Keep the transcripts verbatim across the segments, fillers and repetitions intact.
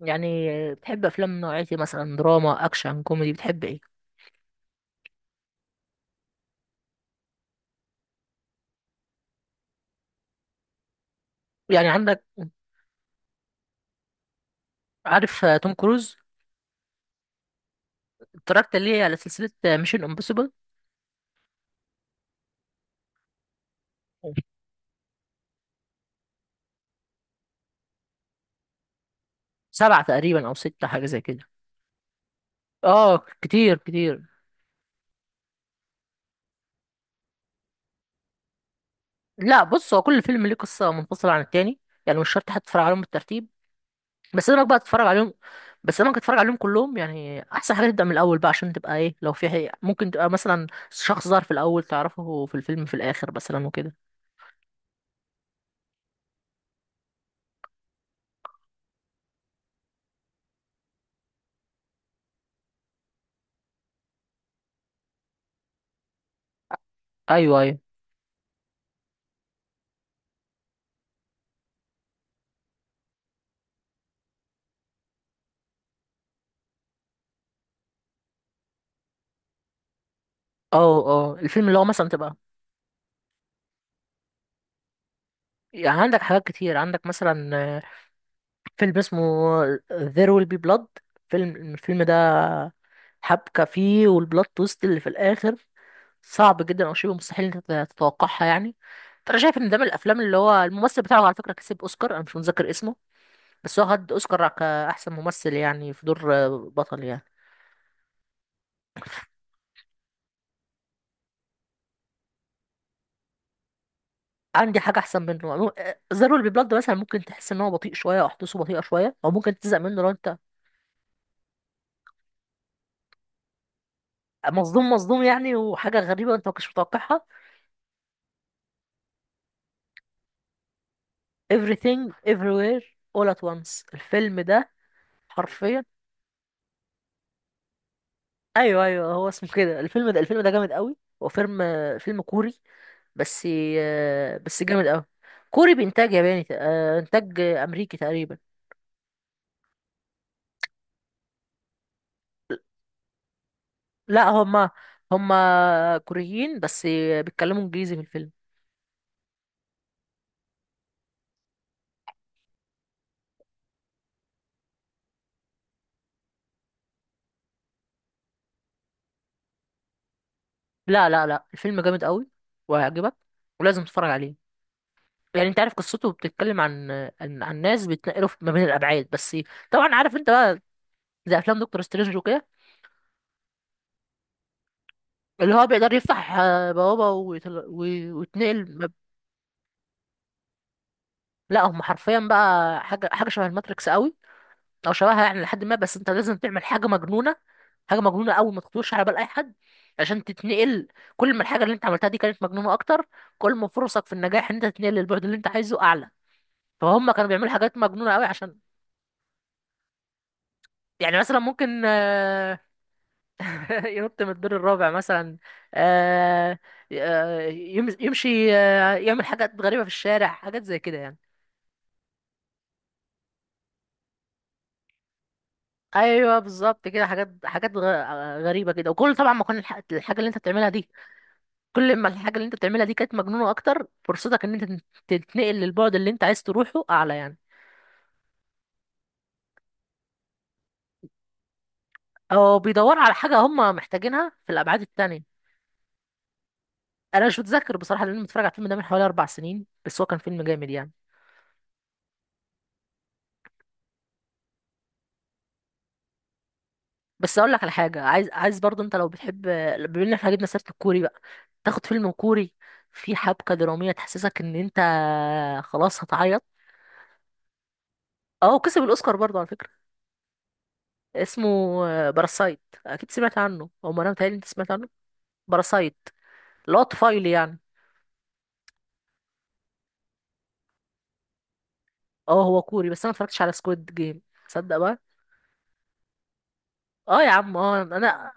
يعني بتحب افلام من نوعية إيه؟ مثلا دراما اكشن كوميدي، بتحب ايه؟ يعني عندك عارف آه، توم كروز؟ اتفرجت ليه على سلسلة ميشن امبوسيبل؟ سبعة تقريبا او ستة، حاجة زي كده. اه، كتير كتير. لا بص، هو كل فيلم ليه قصة منفصلة عن التاني، يعني مش شرط حتى تتفرج عليهم بالترتيب. بس انا بقى تتفرج عليهم. بس انا ممكن تتفرج عليهم كلهم، يعني احسن حاجة تبدأ من الاول بقى عشان تبقى ايه لو في حقيقة. ممكن تبقى مثلا شخص ظهر في الاول تعرفه في الفيلم في الاخر مثلا وكده. ايوه، ايوه. اه اه الفيلم اللي هو مثلا تبقى، يعني عندك حاجات كتير، عندك مثلا آه، فيلم اسمه There Will Be Blood. فيلم الفيلم ده حبكة فيه، والبلوت تويست اللي في الآخر صعب جدا أو شبه مستحيل إن أنت تتوقعها، يعني. فأنا شايف إن ده من الأفلام اللي هو الممثل بتاعه، على فكرة، كسب أوسكار، أنا مش متذكر اسمه. بس هو خد أوسكار كأحسن ممثل، يعني في دور آه، بطل، يعني. عندي حاجة أحسن منه. There Will Be Blood مثلا ممكن تحس إن هو بطيء شوية، أو أحداثه بطيئة شوية، أو ممكن تزهق منه لو أنت مصدوم. مصدوم، يعني وحاجة غريبة أنت ما كنتش متوقعها. everything everywhere all at once، الفيلم ده حرفيا. ايوه، ايوه، هو اسمه كده. الفيلم ده الفيلم ده جامد قوي. هو فيلم فيلم كوري، بس آه، بس جامد قوي. كوري بإنتاج ياباني، تق- آه، إنتاج أمريكي تقريبا. لا، هما هما كوريين بس، بيتكلموا إنجليزي في الفيلم. لا لا لا، الفيلم جامد قوي وهيعجبك، ولازم تتفرج عليه. يعني انت عارف، قصته بتتكلم عن عن, عن ناس بيتنقلوا في- ما بين الابعاد بس. طبعا عارف انت بقى، زي افلام دكتور سترينج وكده، اللي هو بيقدر يفتح آه، بوابة ويتل... وي- ويتنقل ما- لا، هم حرفيا بقى حاجة حاجة شبه الماتريكس قوي، أو شبهها، يعني لحد ما، بس أنت لازم تعمل حاجة مجنونة. حاجة مجنونة قوي، ما تخطرش على بال أي حد، عشان تتنقل. كل ما الحاجة اللي أنت عملتها دي كانت مجنونة أكتر، كل ما فرصك في النجاح إن أنت تتنقل للبعد اللي أنت عايزه أعلى. فهم كانوا بيعملوا حاجات مجنونة قوي عشان، يعني مثلا ممكن آه، ينط من الدور الرابع مثلا. آه، آه، يم- يمشي، آه، يعمل حاجات غريبة في الشارع، حاجات زي كده، يعني. ايوه بالظبط كده، حاجات حاجات غ- غريبه كده، وكل طبعا ما كان الح- الحاجه اللي انت بتعملها دي، كل ما الحاجه اللي انت بتعملها دي كانت مجنونه اكتر، فرصتك ان انت تن- تتنقل للبعد اللي انت عايز تروحه اعلى، يعني. او بيدور على حاجه هم محتاجينها في الابعاد التانية. انا مش متذكر بصراحه، لان أنا متفرج على الفيلم ده من حوالي اربع سنين، بس هو كان فيلم جامد، يعني. بس اقول لك على حاجه، عايز عايز برضو، انت لو بتحب، بما ان احنا جبنا سيره الكوري بقى، تاخد فيلم كوري في حبكه دراميه تحسسك ان انت خلاص هتعيط. اه، كسب الاوسكار برضو على فكره. اسمه آه، باراسايت، اكيد سمعت عنه، او ما انا متهيألي انت سمعت عنه. باراسايت اللي هو طفيلي، يعني. اه، هو كوري، بس انا ما اتفرجتش على سكويد جيم، تصدق بقى. اه يا عم، اه، انا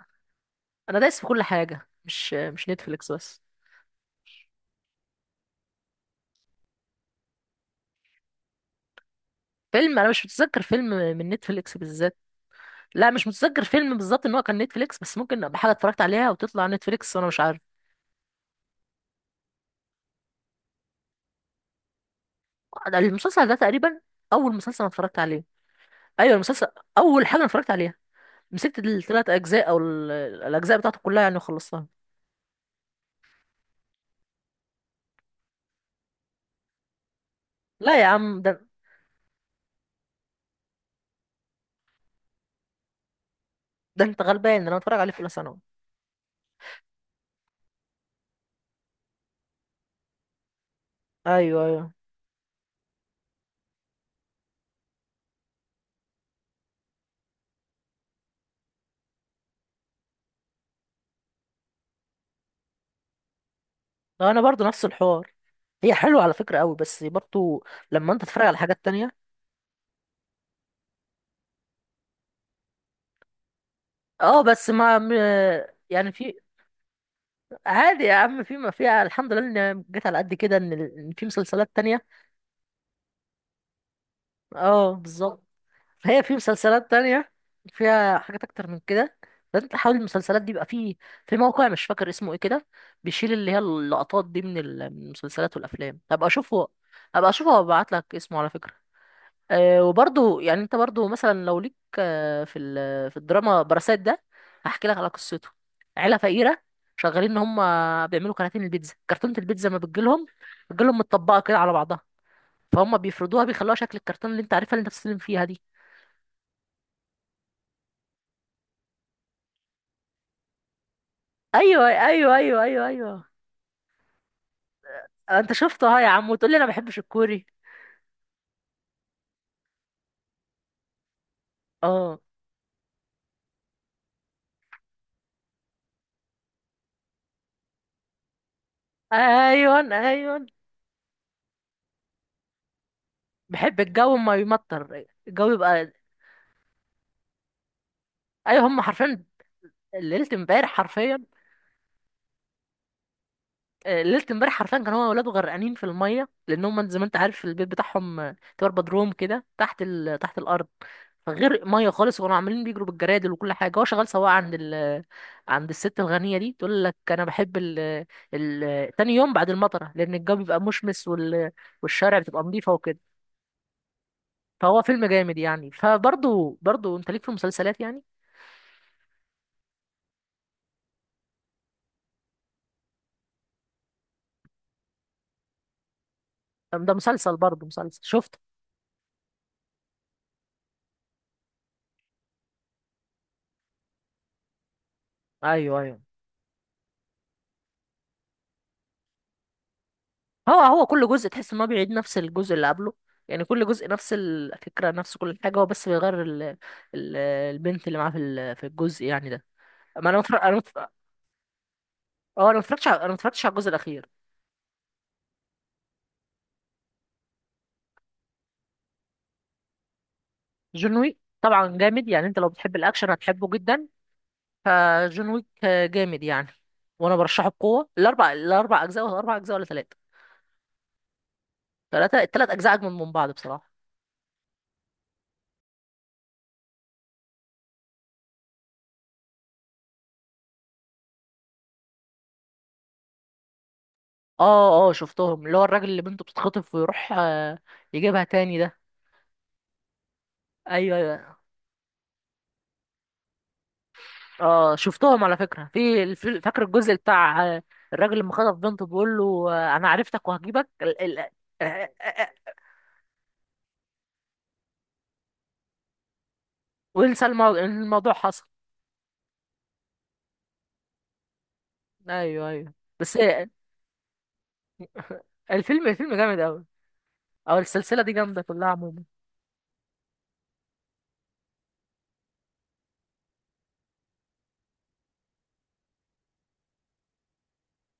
انا دايس في كل حاجه، مش مش نتفليكس بس. فيلم، انا مش متذكر فيلم من نتفليكس بالذات. لا، مش متذكر فيلم بالظبط ان هو كان نتفليكس، بس ممكن ابقى حاجه اتفرجت عليها وتطلع على نتفليكس وانا مش عارف. المسلسل ده تقريبا اول مسلسل انا اتفرجت عليه. ايوه، المسلسل، اول حاجه انا اتفرجت عليها، مسكت الثلاث اجزاء او ال- الاجزاء بتاعته كلها، يعني، وخلصتها. لا يا عم، ده ده انت غلبان، انا بتفرج عليه في اولى ثانوي. ايوه، ايوه، لو انا برضو نفس الحوار. هي حلوه على فكره قوي، بس برضو لما انت تتفرج على حاجات تانية. اه بس ما م- يعني في. عادي يا عم، في ما فيها، الحمد لله ان جيت على قد كده ان ال- إن في مسلسلات تانية. اه بالظبط. فهي في مسلسلات تانية فيها حاجات أكتر من كده، فأنت حاول. المسلسلات دي بيبقى في، في موقع مش فاكر اسمه إيه كده، بيشيل اللي هي اللقطات دي من ال- من المسلسلات والأفلام، هبقى أشوفه. هبقى أشوفه وأبعت لك اسمه، على فكرة. أه، وبرضه، يعني أنت برضه مثلا لو ليك آه، في ال- في الدراما، براسات ده هحكي لك على قصته. عيلة فقيرة شغالين، إن هم بيعملوا كراتين البيتزا، كرتونة البيتزا ما بتجيلهم، بتجيلهم متطبقة كده على بعضها، فهم بيفردوها بيخلوها شكل الكرتون اللي أنت عارفها، اللي أنت بتستلم فيها دي. ايوه، ايوه، ايوه، ايوه، ايوه. آه، انت شفته ها يا عم، وتقول لي انا ما بحبش الكوري. اه، ايوه، ايوه. بحب الجو ما يمطر، الجو يبقى. ايوه، هم حرفيا، ليله امبارح حرفيا. آه، ليله امبارح حرفيا كان هو وولاده غرقانين في الميه، لان هم زي ما انت عارف البيت بتاعهم آه، تبقى بدروم كده تحت ال... تحت الارض. فغرق ميه خالص، وكانوا عمالين بيجروا بالجرادل وكل حاجه، هو شغال سواق عند ال... عند الست الغنيه دي. تقول لك انا بحب ال... ال... تاني يوم بعد المطره، لان الجو بيبقى مشمس وال... والشارع بتبقى نظيفه وكده. فهو فيلم جامد، يعني، فبرضه، برضه انت ليك في المسلسلات، يعني. ده مسلسل، برضه مسلسل شفته. ايوه، ايوه، هو هو كل جزء تحس ان هو بيعيد نفس الجزء اللي قبله، يعني كل جزء نفس الفكره، نفس كل حاجه، هو بس بيغير ال... ال... البنت اللي معاه في ال... في الجزء، يعني ده. ما انا متفرج... انا متف... اه، انا ما اتفرجتش على... انا ما اتفرجتش على الجزء الاخير. جون ويك طبعا جامد، يعني انت لو بتحب الاكشن هتحبه جدا، فجون ويك جامد، يعني. وانا برشحه بقوه، الاربع الاربع اجزاء ولا اربع اجزاء ولا ثلاثه. ثلاثه، الثلاث اجزاء اجمل من بعض، بصراحه. اه، اه، شفتهم، اللي هو الراجل اللي بنته بتتخطف ويروح آه، يجيبها تاني، ده. ايوه، ايوه. اه شفتهم، على فكرة، في الف- فاكر الجزء بتاع آه، الراجل لما خطف بنته بيقول له آه، انا عرفتك وهجيبك ال- ال- آه، آه، آه، وينسى المو- الموضوع حصل. ايوه، ايوه، بس آه، الفيلم، الفيلم جامد قوي، او السلسلة دي جامدة كلها عموما.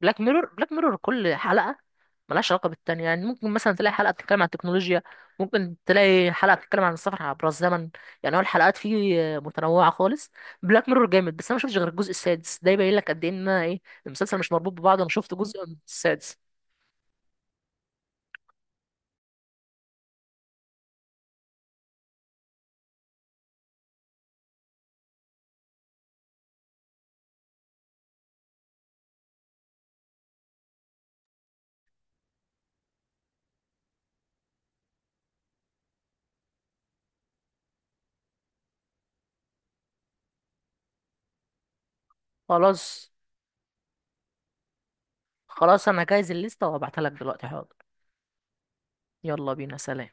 بلاك ميرور، بلاك ميرور كل حلقة ملهاش علاقة بالتانية، يعني ممكن مثلا تلاقي حلقة بتتكلم عن التكنولوجيا، ممكن تلاقي حلقة بتتكلم عن السفر عبر الزمن، يعني هو الحلقات فيه متنوعة خالص. بلاك ميرور جامد، بس أنا ما شفتش غير الجزء السادس، ده يبين لك قد إيه إن أنا إيه، المسلسل مش مربوط ببعضه، أنا شفت جزء من السادس. خلاص، خلاص أنا هجهز الليستة وأبعتها لك دلوقتي، حاضر. يلا بينا، سلام.